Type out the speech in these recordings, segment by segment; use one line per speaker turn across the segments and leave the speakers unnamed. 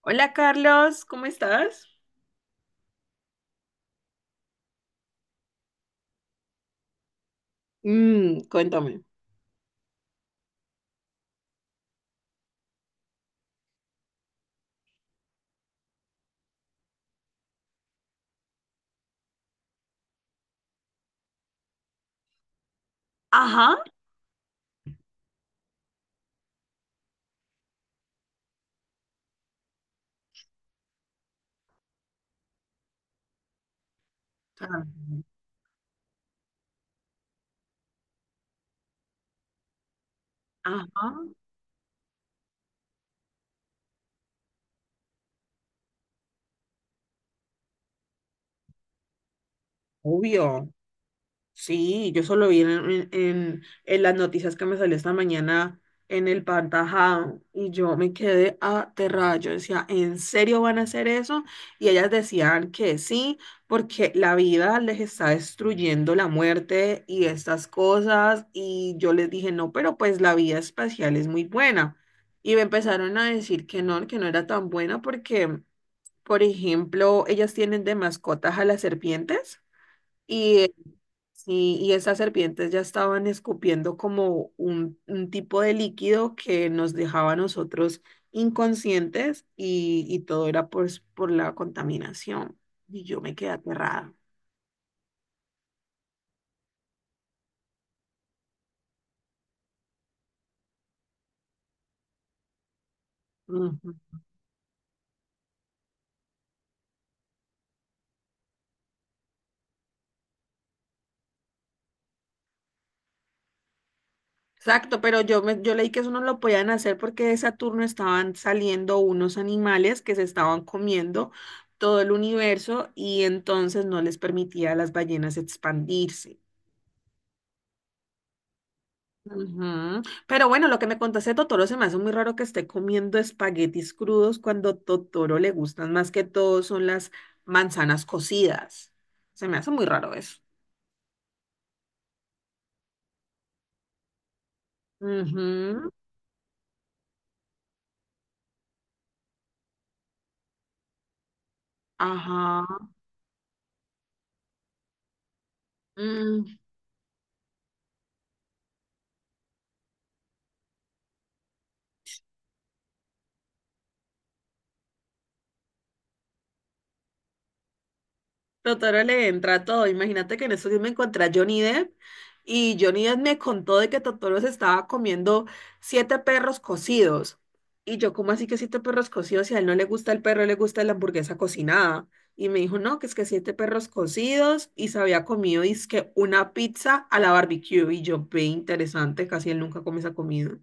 Hola Carlos, ¿cómo estás? Cuéntame. Ajá. Ah, ajá. Obvio. Sí, yo solo vi en las noticias que me salió esta mañana en el Pantajao y yo me quedé aterrada. Yo decía, ¿en serio van a hacer eso? Y ellas decían que sí, porque la vida les está destruyendo la muerte y estas cosas. Y yo les dije, no, pero pues la vida espacial es muy buena. Y me empezaron a decir que no era tan buena porque, por ejemplo, ellas tienen de mascotas a las serpientes. Sí, y esas serpientes ya estaban escupiendo como un tipo de líquido que nos dejaba a nosotros inconscientes y todo era pues por la contaminación. Y yo me quedé aterrada. Ujú. Exacto, pero yo leí que eso no lo podían hacer porque de Saturno estaban saliendo unos animales que se estaban comiendo todo el universo y entonces no les permitía a las ballenas expandirse. Ujú. Pero bueno, lo que me contaste de Totoro se me hace muy raro que esté comiendo espaguetis crudos cuando Totoro le gustan más que todo son las manzanas cocidas. Se me hace muy raro eso. Ujú. Ajá. Mm. Totoro le entra a todo. Imagínate que en esos días me encontré a Johnny Depp y Johnny Depp me contó de que Totoro se estaba comiendo siete perros cocidos. Y yo, ¿cómo así que siete perros cocidos? Si a él no le gusta el perro, le gusta la hamburguesa cocinada. Y me dijo, no, que es que siete perros cocidos y se había comido, dizque una pizza a la barbecue. Y yo, ve interesante, casi él nunca come esa comida.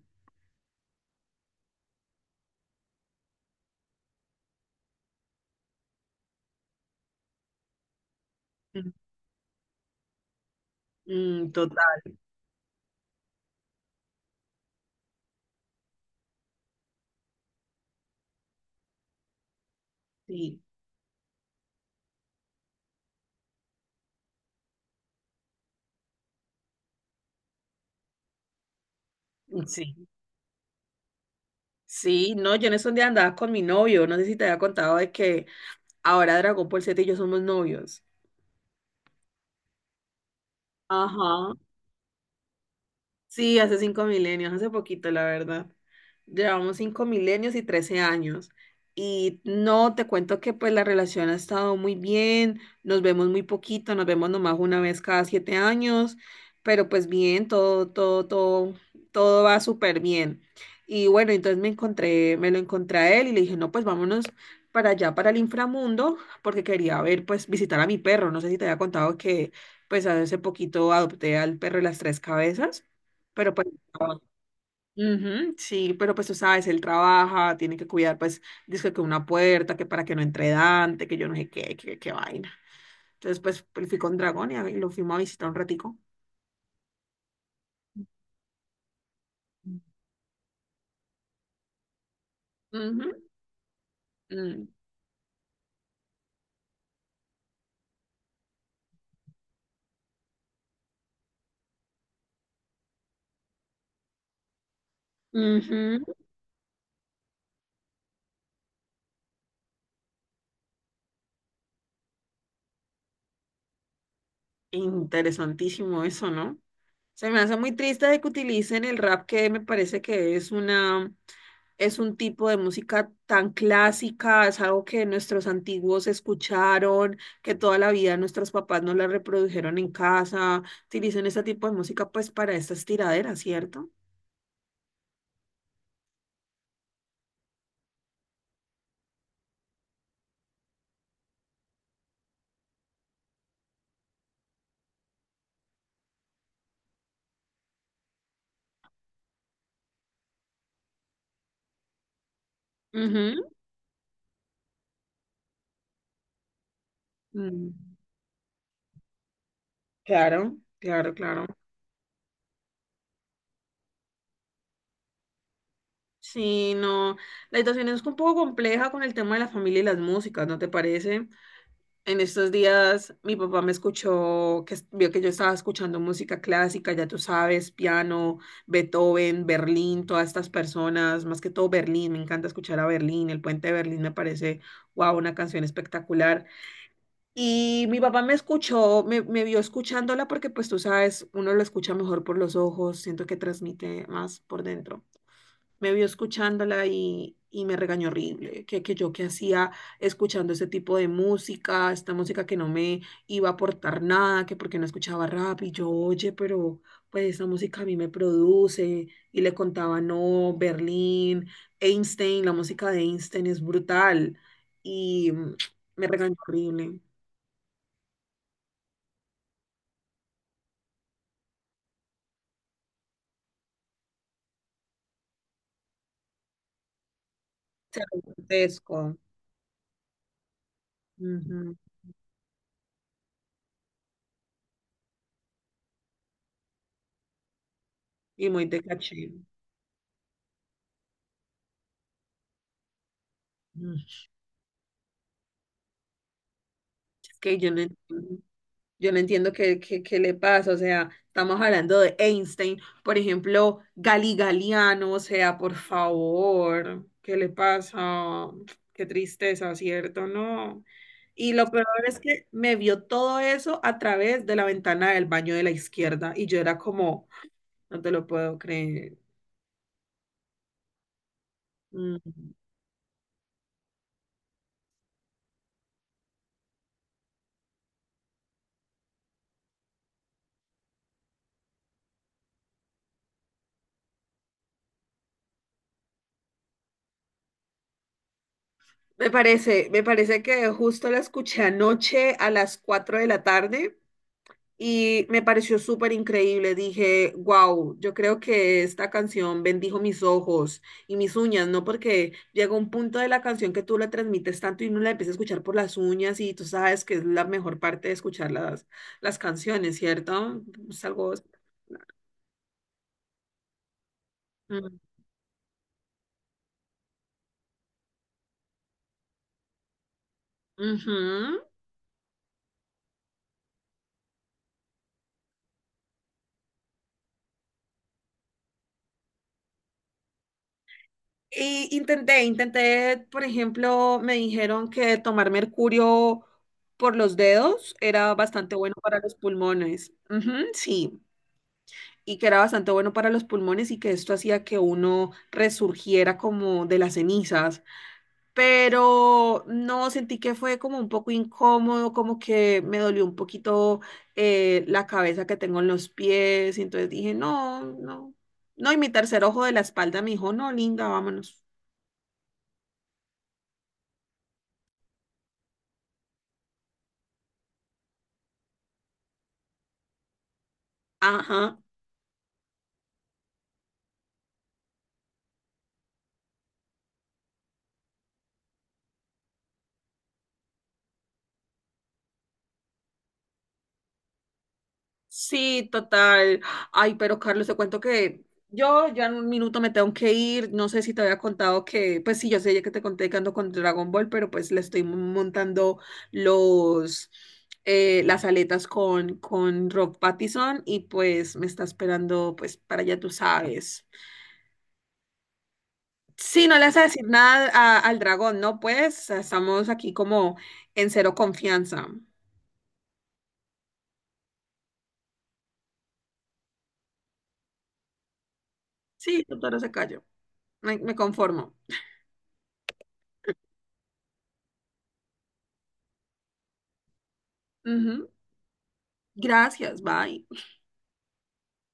Mm, mm, total, sí. Sí, sí, no, yo en esos días andaba con mi novio, no sé si te había contado de que Ahora Dragon Ball Z y yo somos novios. Ajá. Sí, hace 5 milenios, hace poquito, la verdad. Llevamos 5 milenios y 13 años. Y no, te cuento que pues la relación ha estado muy bien, nos vemos muy poquito, nos vemos nomás una vez cada 7 años, pero pues bien, todo, todo, todo, todo va súper bien. Y bueno, entonces me encontré, me lo encontré a él y le dije, no, pues vámonos para allá, para el inframundo, porque quería ver, pues visitar a mi perro. No sé si te había contado que pues hace poquito adopté al perro de las tres cabezas. Pero pues, ah, ujú, sí, pero pues tú sabes, él trabaja, tiene que cuidar, pues, dice que una puerta, que para que no entre Dante, que yo no sé qué, qué vaina. Entonces, fui con Dragón y lo fuimos a visitar un ratico. Ujú, mm, ujú. Interesantísimo eso, ¿no? Se me hace muy triste de que utilicen el rap, que me parece que es un tipo de música tan clásica, es algo que nuestros antiguos escucharon, que toda la vida nuestros papás no la reprodujeron en casa. Utilicen ese tipo de música pues para estas tiraderas, ¿cierto? Ujú. Mm, claro, claro, claro. Sí, no. La situación es un poco compleja con el tema de la familia y las músicas, ¿no te parece? En estos días mi papá me escuchó, que es- vio que yo estaba escuchando música clásica, ya tú sabes, piano, Beethoven, Berlín, todas estas personas, más que todo Berlín, me encanta escuchar a Berlín, el puente de Berlín me parece, wow, una canción espectacular. Y mi papá me escuchó, me vio escuchándola porque pues tú sabes, uno lo escucha mejor por los ojos, siento que transmite más por dentro me vio escuchándola y me regañó horrible, que yo qué hacía escuchando ese tipo de música, esta música que no me iba a aportar nada, que porque no escuchaba rap y yo, oye, pero pues esa música a mí me produce y le contaba, no, Berlín, Einstein, la música de Einstein es brutal y me regañó horrible, se grotesco ujú, y muy de caché. Mm, Es que yo no entiendo. Yo no entiendo qué le pasa, o sea, estamos hablando de Einstein, por ejemplo, Galigaliano, o sea, por favor, ¿qué le pasa? Qué tristeza, ¿cierto? No. Y lo peor es que me vio todo eso a través de la ventana del baño de la izquierda y yo era como, no te lo puedo creer. Mm. Me parece que justo la escuché anoche a las 4 de la tarde y me pareció súper increíble. Dije, wow, yo creo que esta canción bendijo mis ojos y mis uñas, ¿no? Porque llega un punto de la canción que tú la transmites tanto y uno la empieza a escuchar por las uñas y tú sabes que es la mejor parte de escuchar las canciones, ¿cierto? Es algo... Mm, ujú. Y por ejemplo, me dijeron que tomar mercurio por los dedos era bastante bueno para los pulmones. Ujú, sí, y que era bastante bueno para los pulmones y que esto hacía que uno resurgiera como de las cenizas. Pero no, sentí que fue como un poco incómodo, como que me dolió un poquito la cabeza que tengo en los pies. Y entonces dije, no, no, no. Y mi tercer ojo de la espalda me dijo, no, linda, vámonos. Ajá. Sí, total. Ay, pero Carlos, te cuento que yo ya en un minuto me tengo que ir. No sé si te había contado que, pues sí, yo sé ya que te conté que ando con Dragon Ball, pero pues le estoy montando los las aletas con Rob Pattinson y pues me está esperando, pues para allá tú sabes. Sí, no le vas a decir nada al dragón, ¿no? Pues estamos aquí como en cero confianza. Sí, doctora, se cayó. Me conformo. Ujú. Gracias, bye.